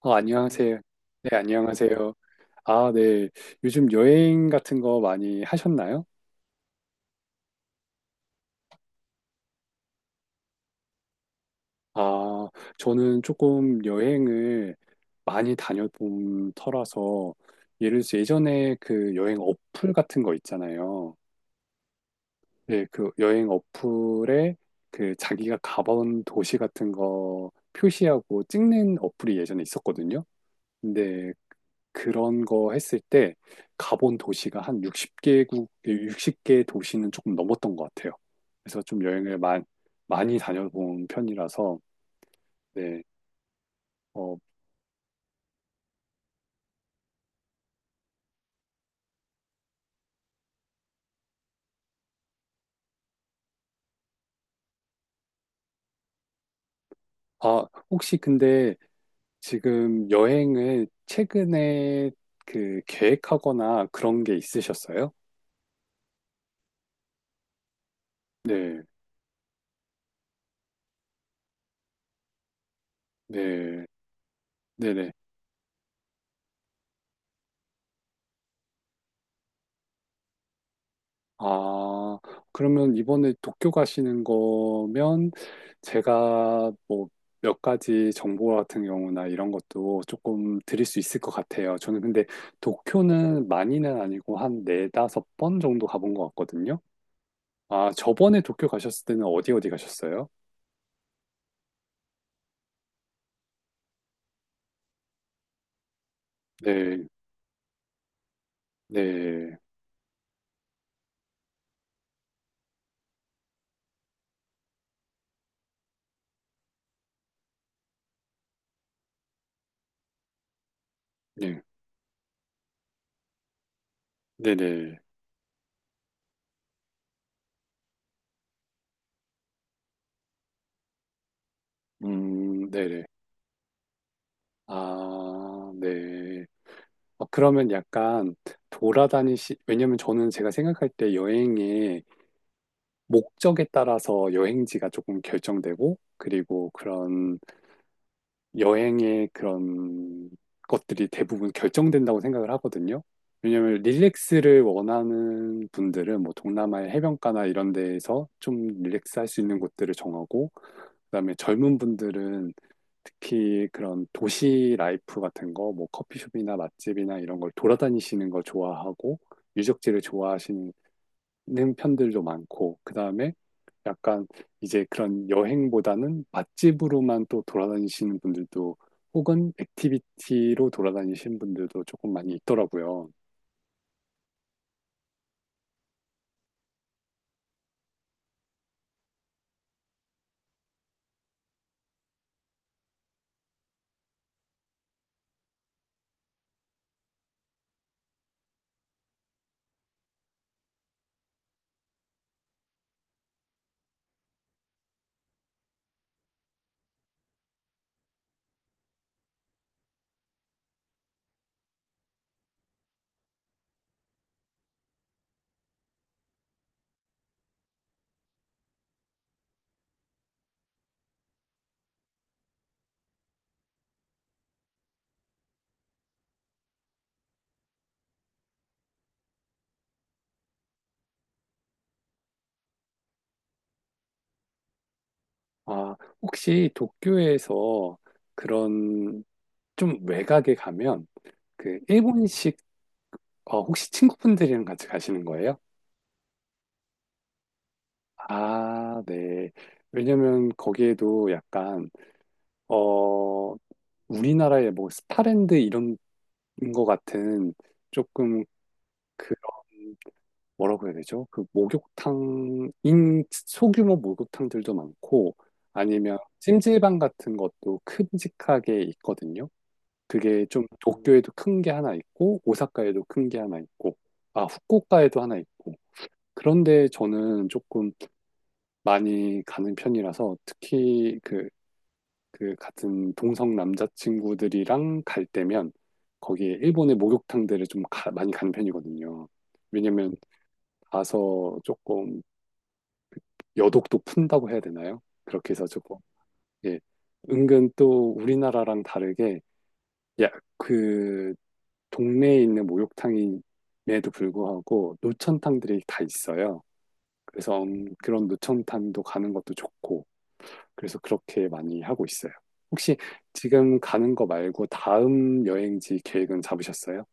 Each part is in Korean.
안녕하세요. 네, 안녕하세요. 아, 네. 요즘 여행 같은 거 많이 하셨나요? 아, 저는 조금 여행을 많이 다녀본 터라서 예를 들어서 예전에 그 여행 어플 같은 거 있잖아요. 네, 그 여행 어플에 그 자기가 가본 도시 같은 거 표시하고 찍는 어플이 예전에 있었거든요. 네, 그런 거 했을 때 가본 도시가 한 60개국, 60개 도시는 조금 넘었던 것 같아요. 그래서 좀 여행을 많이 다녀본 편이라서, 네. 어, 아, 혹시 근데 지금 여행을 최근에 그 계획하거나 그런 게 있으셨어요? 네, 네, 네네. 아, 그러면 이번에 도쿄 가시는 거면 제가 뭐 몇 가지 정보 같은 경우나 이런 것도 조금 드릴 수 있을 것 같아요. 저는 근데 도쿄는 많이는 아니고 한 네다섯 번 정도 가본 것 같거든요. 아, 저번에 도쿄 가셨을 때는 어디 어디 가셨어요? 네, 네, 네, 네네. 네네. 아, 네. 그러면 약간 왜냐면 저는 제가 생각할 때 여행에 목적에 따라서 여행지가 조금 결정되고, 그리고 그런 여행의 그런 것들이 대부분 결정된다고 생각을 하거든요. 왜냐면 릴렉스를 원하는 분들은 뭐 동남아의 해변가나 이런 데에서 좀 릴렉스 할 수 있는 곳들을 정하고, 그다음에 젊은 분들은 특히 그런 도시 라이프 같은 거, 뭐 커피숍이나 맛집이나 이런 걸 돌아다니시는 걸 좋아하고, 유적지를 좋아하시는 는 편들도 많고, 그 다음에 약간 이제 그런 여행보다는 맛집으로만 또 돌아다니시는 분들도 혹은 액티비티로 돌아다니시는 분들도 조금 많이 있더라고요. 아, 혹시 도쿄에서 그런 좀 외곽에 가면 그 일본식 혹시 친구분들이랑 같이 가시는 거예요? 아, 네. 왜냐면 거기에도 약간 어 우리나라의 뭐 스파랜드 이런 것 같은 조금 그런 뭐라고 해야 되죠? 그 목욕탕인 소규모 목욕탕들도 많고 아니면 찜질방 같은 것도 큼직하게 있거든요. 그게 좀 도쿄에도 큰 게 하나 있고 오사카에도 큰 게 하나 있고 후쿠오카에도 하나 있고 그런데 저는 조금 많이 가는 편이라서 특히 그 같은 동성 남자친구들이랑 갈 때면 거기에 일본의 목욕탕들을 좀 많이 가는 편이거든요. 왜냐면 가서 조금 여독도 푼다고 해야 되나요? 그렇게 해서 조금 예, 은근 또 우리나라랑 다르게 야, 그 동네에 있는 목욕탕임에도 불구하고 노천탕들이 다 있어요. 그래서 그런 노천탕도 가는 것도 좋고 그래서 그렇게 많이 하고 있어요. 혹시 지금 가는 거 말고 다음 여행지 계획은 잡으셨어요?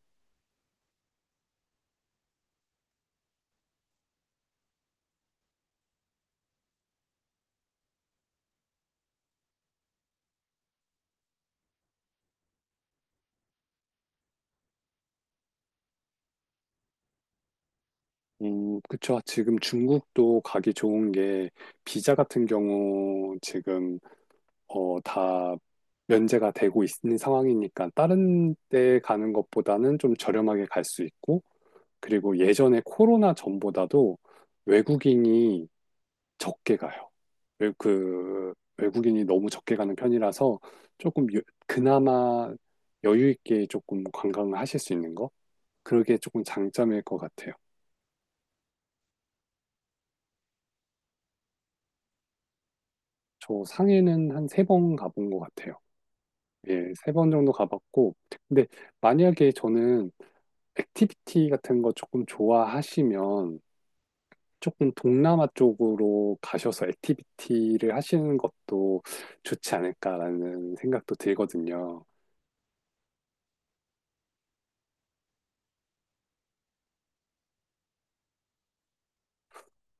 그쵸. 지금 중국도 가기 좋은 게 비자 같은 경우 지금 다 면제가 되고 있는 상황이니까 다른 데 가는 것보다는 좀 저렴하게 갈 수 있고 그리고 예전에 코로나 전보다도 외국인이 적게 가요. 그 외국인이 너무 적게 가는 편이라서 조금 그나마 여유 있게 조금 관광을 하실 수 있는 거? 그게 조금 장점일 것 같아요. 저 상해는 한 세 번 가본 것 같아요. 예, 세 번 정도 가봤고. 근데 만약에 저는 액티비티 같은 거 조금 좋아하시면 조금 동남아 쪽으로 가셔서 액티비티를 하시는 것도 좋지 않을까라는 생각도 들거든요.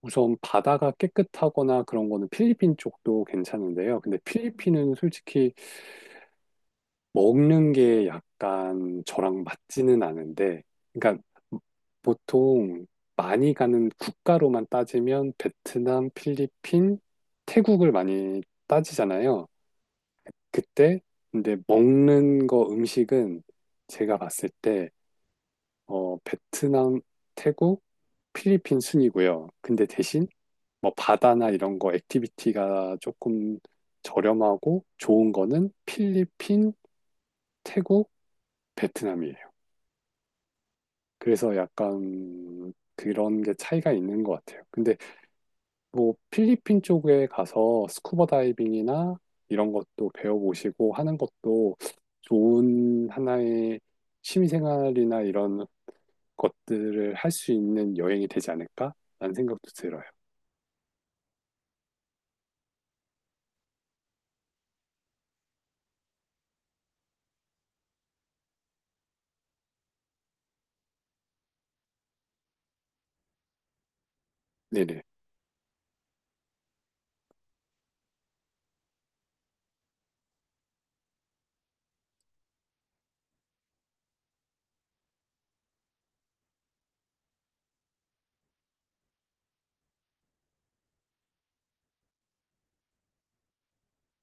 우선 바다가 깨끗하거나 그런 거는 필리핀 쪽도 괜찮은데요. 근데 필리핀은 솔직히 먹는 게 약간 저랑 맞지는 않은데, 그러니까 보통 많이 가는 국가로만 따지면 베트남, 필리핀, 태국을 많이 따지잖아요. 그때 근데 먹는 거 음식은 제가 봤을 때 베트남, 태국, 필리핀 순이고요. 근데 대신 뭐 바다나 이런 거 액티비티가 조금 저렴하고 좋은 거는 필리핀, 태국, 베트남이에요. 그래서 약간 그런 게 차이가 있는 것 같아요. 근데 뭐 필리핀 쪽에 가서 스쿠버 다이빙이나 이런 것도 배워보시고 하는 것도 좋은 하나의 취미생활이나 이런 것들을 할 수 있는 여행이 되지 않을까? 라는 생각도 들어요. 네네.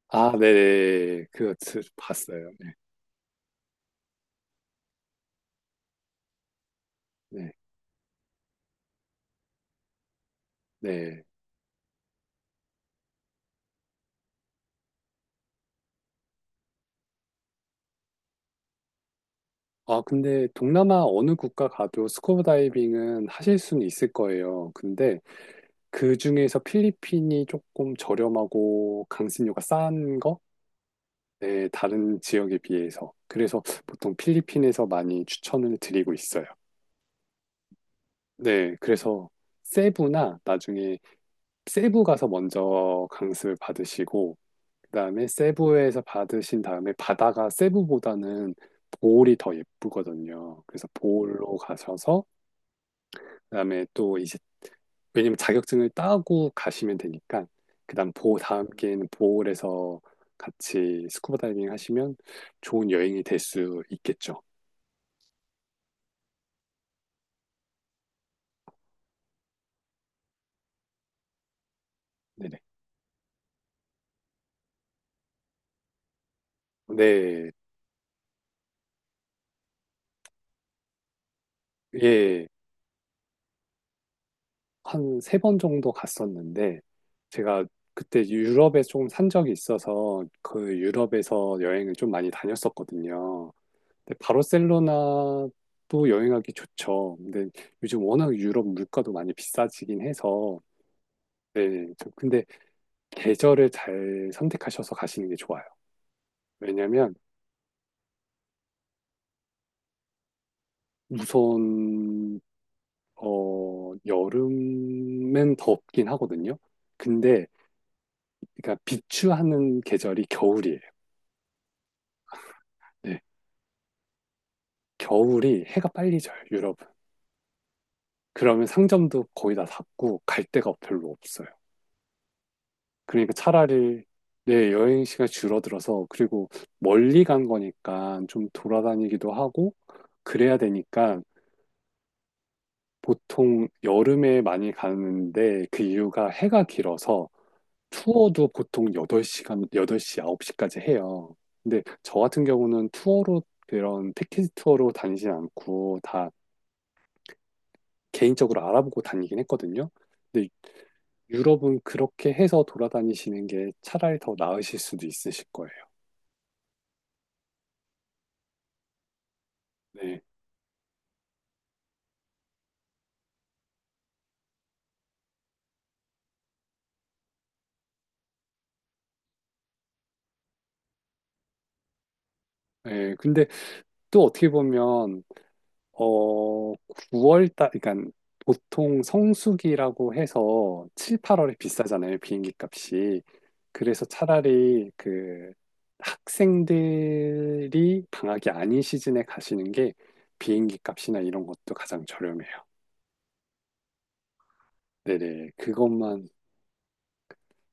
아, 네네. 봤어요. 네. 네. 네. 아, 근데 동남아 어느 국가 가도 스쿠버 다이빙은 하실 수는 있을 거예요. 근데 그 중에서 필리핀이 조금 저렴하고 강습료가 싼 거? 네, 다른 지역에 비해서. 그래서 보통 필리핀에서 많이 추천을 드리고 있어요. 네, 그래서 세부나 나중에 세부 가서 먼저 강습을 받으시고, 그다음에 세부에서 받으신 다음에 바다가 세부보다는 보홀이 더 예쁘거든요. 그래서 보홀로 가셔서 그다음에 또 이제 왜냐면 자격증을 따고 가시면 되니까 그다음 보 다음 기회는 보홀에서 같이 스쿠버 다이빙 하시면 좋은 여행이 될 수 있겠죠. 네네. 네, 예, 한 세 번 정도 갔었는데 제가 그때 유럽에 조금 산 적이 있어서 그 유럽에서 여행을 좀 많이 다녔었거든요. 근데 바르셀로나도 여행하기 좋죠. 근데 요즘 워낙 유럽 물가도 많이 비싸지긴 해서 네, 근데 계절을 잘 선택하셔서 가시는 게 좋아요. 왜냐면 우선 여름엔 덥긴 하거든요. 근데 그러니까 비추하는 계절이 겨울이에요. 네, 겨울이 해가 빨리 져요, 유럽은. 그러면 상점도 거의 다 닫고 갈 데가 별로 없어요. 그러니까 차라리 네, 여행 시간 줄어들어서 그리고 멀리 간 거니까 좀 돌아다니기도 하고 그래야 되니까 보통 여름에 많이 가는데 그 이유가 해가 길어서 투어도 보통 8시간, 8시 9시까지 해요. 근데 저 같은 경우는 투어로 그런 패키지 투어로 다니진 않고 다 개인적으로 알아보고 다니긴 했거든요. 근데 유럽은 그렇게 해서 돌아다니시는 게 차라리 더 나으실 수도 있으실 거예요. 네. 네, 근데 또 어떻게 보면 어, 9월 달, 그러니까 보통 성수기라고 해서 7, 8월에 비싸잖아요, 비행기 값이. 그래서 차라리 그 학생들이 방학이 아닌 시즌에 가시는 게 비행기 값이나 이런 것도 가장 저렴해요. 네네,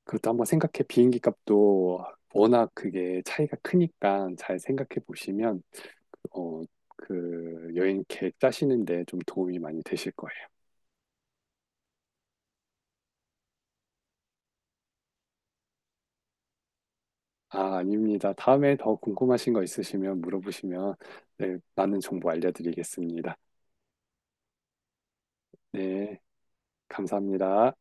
그것도 한번 생각해. 비행기 값도 워낙 그게 차이가 크니까 잘 생각해 보시면, 어, 그 여행 계획 짜시는데 좀 도움이 많이 되실 거예요. 아, 아닙니다. 다음에 더 궁금하신 거 있으시면 물어보시면 네, 많은 정보 알려드리겠습니다. 네, 감사합니다.